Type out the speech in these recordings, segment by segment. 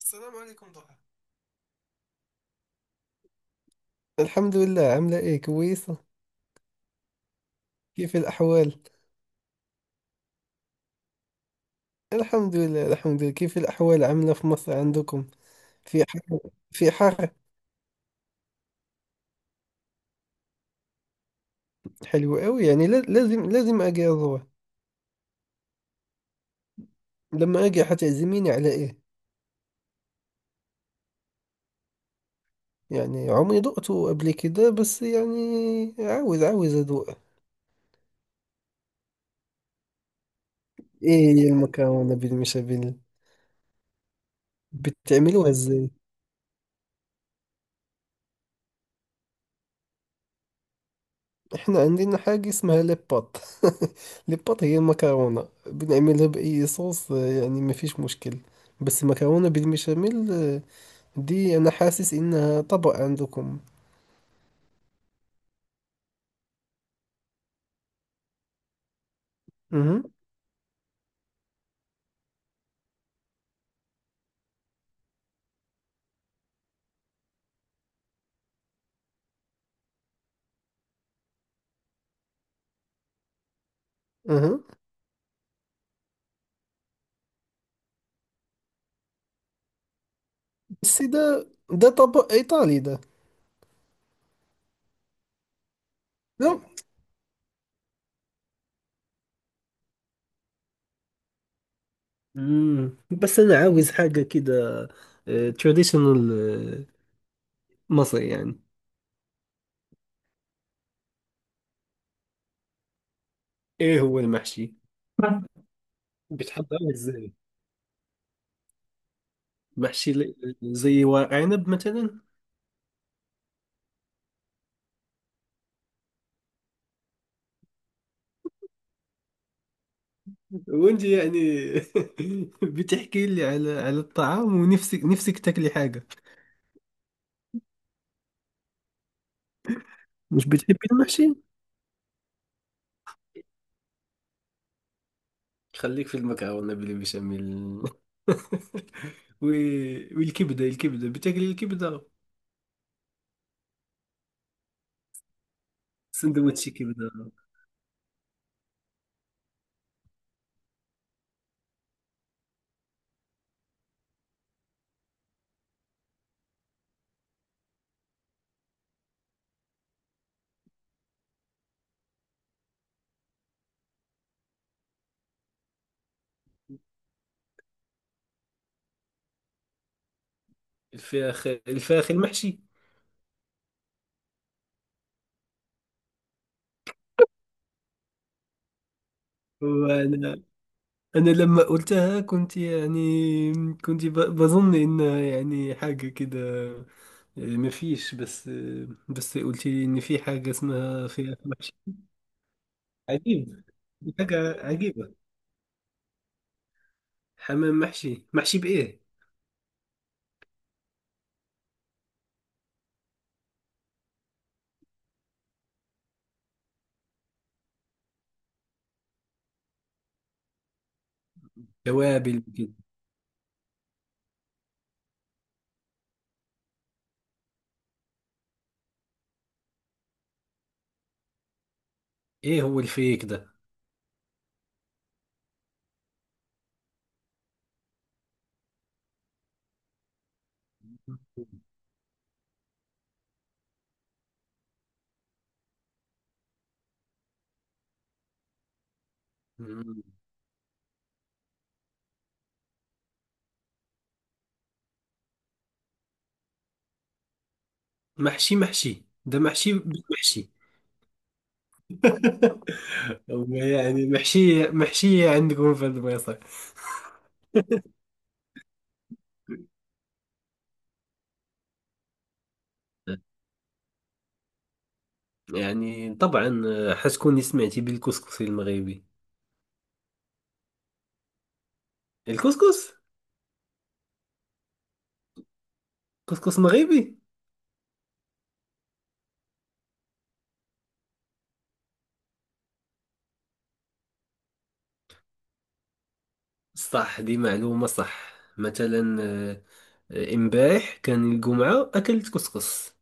السلام عليكم، ضحى. الحمد لله. عاملة إيه؟ كويسة. كيف الأحوال؟ الحمد لله، الحمد لله. كيف الأحوال عاملة في مصر عندكم؟ في حر؟ في حر؟ حلو أوي، يعني لازم أجي أزور. لما أجي حتعزميني على إيه؟ يعني عمري ذقته قبل كده، بس يعني عاوز أذوق. إيه هي المكرونة بالبشاميل؟ بتعملوها إزاي؟ احنا عندنا حاجة اسمها ليبات. ليبات هي المكرونة بنعملها بأي صوص، يعني ما فيش مشكل. بس المكرونة بالبشاميل، دي أنا حاسس إنها طبق عندكم. أها. أها، بس ده طبق إيطالي ده. لا. مم. بس أنا عاوز حاجة كده، تراديشنال، مصري يعني. إيه هو المحشي؟ بتحضره إزاي؟ محشي زي ورق عنب مثلا؟ وانت يعني. بتحكي لي على الطعام، ونفسك نفسك تاكلي حاجة. مش بتحبي المحشي؟ خليك في المكرونة بلي بشاميل. و... الكبدة، بتاكلي الكبدة؟ سندوتش كبدة. الفراخ، الفراخ المحشي. وانا، لما قلتها كنت يعني، كنت بظن انها يعني حاجة كده، ما فيش. بس بس قلت لي ان في حاجة اسمها فراخ محشي. عجيب. حاجة عجيبة. حمام محشي، محشي بإيه؟ توابل كده. إيه هو الفيك ده؟ مم. محشي، محشي ده محشي. محشي. هو يعني محشية محشية عندكم في البيصة. يعني طبعا، حتكوني سمعتي بالكسكس المغربي؟ الكسكس. كسكس مغربي. صح، دي معلومة صح، مثلا امبارح كان الجمعة أكلت كسكس.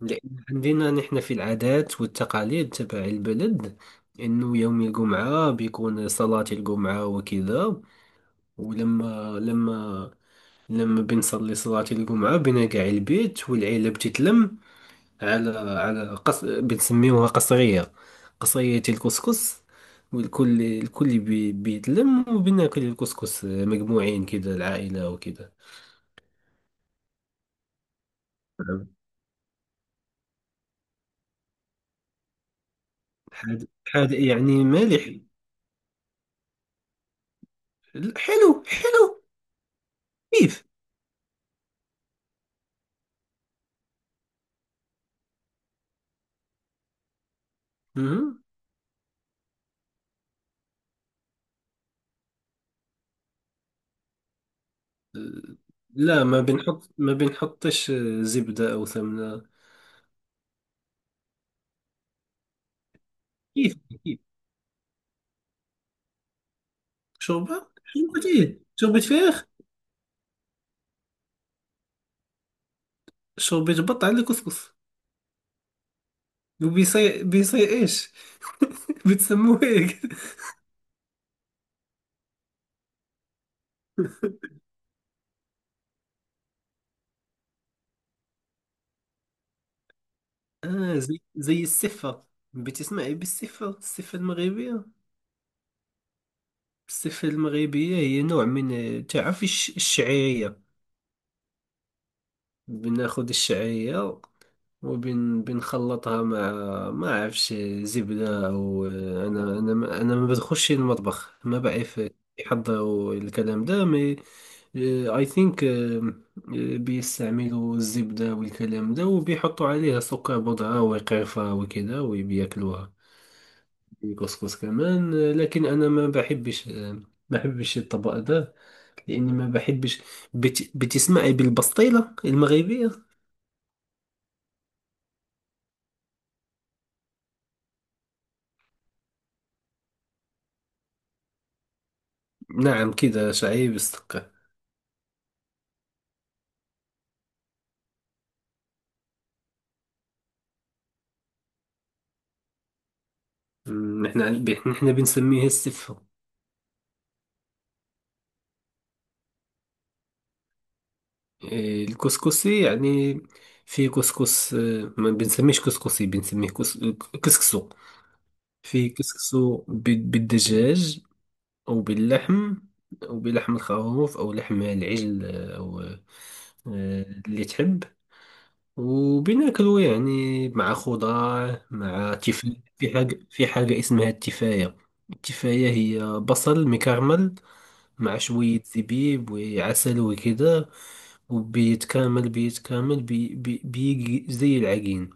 لأن عندنا نحن في العادات والتقاليد تبع البلد، إنه يوم الجمعة بيكون صلاة الجمعة وكذا. ولما لما لما بنصلي صلاة الجمعة، بنرجع البيت والعيلة بتتلم على بنسميوها قصرية، قصرية الكسكس. الكل بيتلم وبناكل الكسكس مجموعين كذا، العائلة وكذا. نعم. هذا هذا يعني مالح. حلو، حلو. كيف؟ لا، ما بنحطش، زبدة أو سمنة. كيف؟ كيف؟ شوربة إيه؟ شوربة فراخ؟ شوربة بط على كسكس؟ وبيصير، إيش؟ بتسموه هيك؟ آه، زي السفة. بتسمعي بالسفة، السفة المغربية؟ السفة المغربية هي نوع من، تعرف، الشعيرية. بناخد الشعيرية، وبنخلطها مع، ما عرفش، زبدة أو... أنا ما بدخلش المطبخ، ما بعرف يحضروا الكلام ده، مي، اي ثينك. بيستعملوا الزبدة والكلام ده، وبيحطوا عليها سكر بودرة وقرفة وكده، وبياكلوها الكسكس كمان، لكن انا ما بحبش، ما بحبش الطبق ده، لاني ما بحبش. بتسمعي بالبسطيله المغربيه؟ نعم، كده شعري بالسكر. مم، احنا بنسميه السفه. إيه، الكسكسي يعني، في كسكس، ما بنسميش كسكسي، بنسميه كسكسو. في كسكسو بالدجاج، او باللحم، او بلحم الخروف، او لحم العجل، او اللي تحب. وبناكله يعني مع خضار، مع تفاية. في حاجة، اسمها التفاية. التفاية هي بصل مكرمل، مع شوية زبيب وعسل وكده. وبيتكامل، بيتكامل بي بي بيجي زي العجين،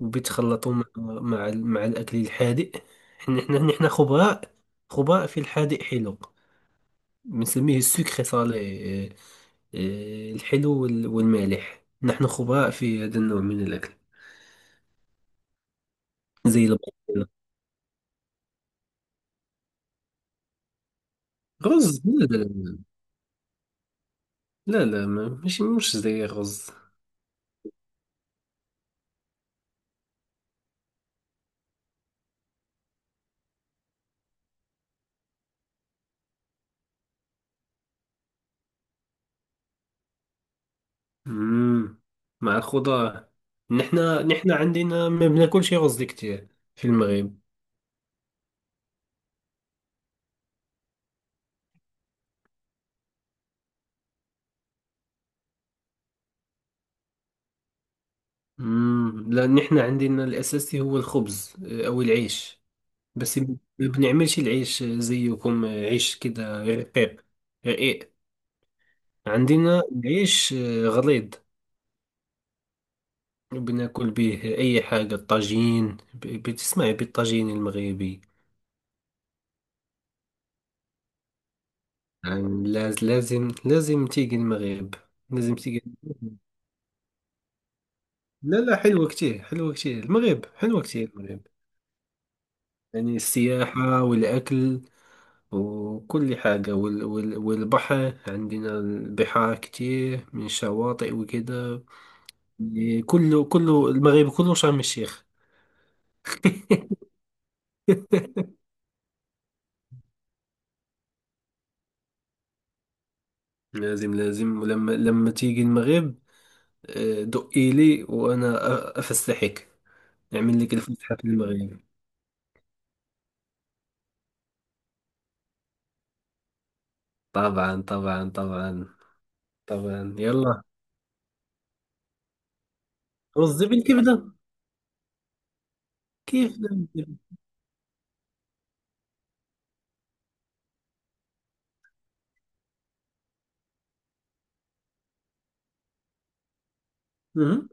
وبيتخلطوا مع الأكل الحادق. احنا احنا نحن خبراء، خبراء في الحادق حلو. بنسميه السكر صالح. الحلو والمالح. نحن خبراء في هذا النوع من الأكل. زي البطيخ. رز؟ لا، لا، لا. لا، لا، مش زي الرز. امم. مع الخضار. نحنا عندنا ما بناكلش رز كتير في المغرب. امم، لا، نحنا عندنا الاساسي هو الخبز، او العيش. بس ما بنعملش العيش زيكم، عيش كده رقيق، رقيق. عندنا العيش غليظ. بناكل به اي حاجه. الطاجين بتسمعي بالطاجين المغربي؟ يعني لازم تيجي المغرب، لازم تيجي. لا، لا، حلوة كتير، حلوة كتير، المغرب حلوة كتير، المغرب. يعني السياحة والأكل، وكل حاجة، والبحر. عندنا البحار كتير من شواطئ وكده. يعني كله، كله المغرب، كله شرم الشيخ. لازم، لازم. لما تيجي المغرب، دقي لي وأنا أفسحك، نعمل لك الفسحة في المغرب. طبعا، طبعا، طبعا، طبعا، يلا. رز بالكبدة؟ كيف لا بالكبدة؟ مهم.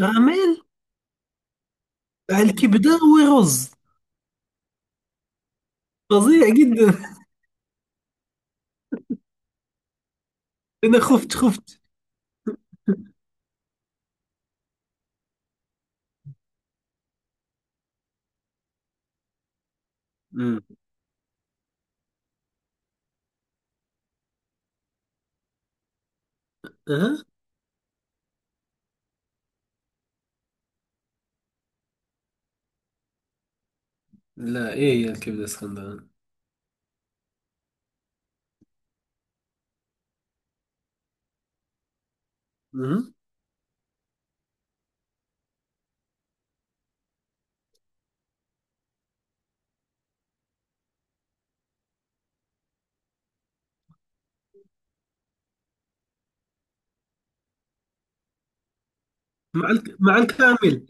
غراميل؟ الكبدة ورز؟ فظيع جدا. أنا خفت، خفت. امم. اها. لا، ايه هي الكبده اسكندراني؟ اها. مع الكامل.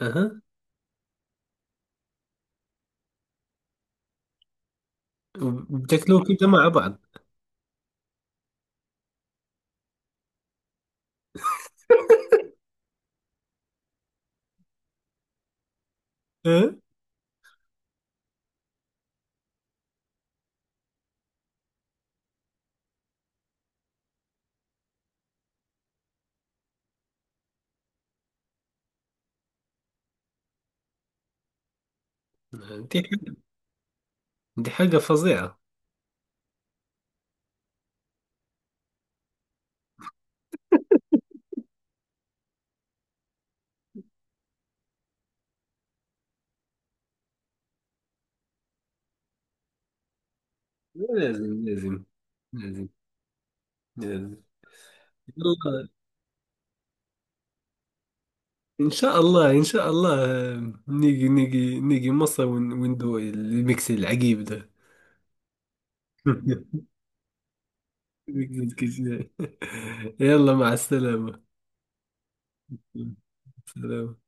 اها. بتاكلوا كده مع بعض؟ أه؟ دي حاجة، دي حاجة فظيعة. لازم، لازم. لازم. لازم. يلا، إن شاء الله، إن شاء الله، نيجي مصر، وندوق الميكس العجيب ده. الميكس الكشري. يلا، مع السلامة. سلام.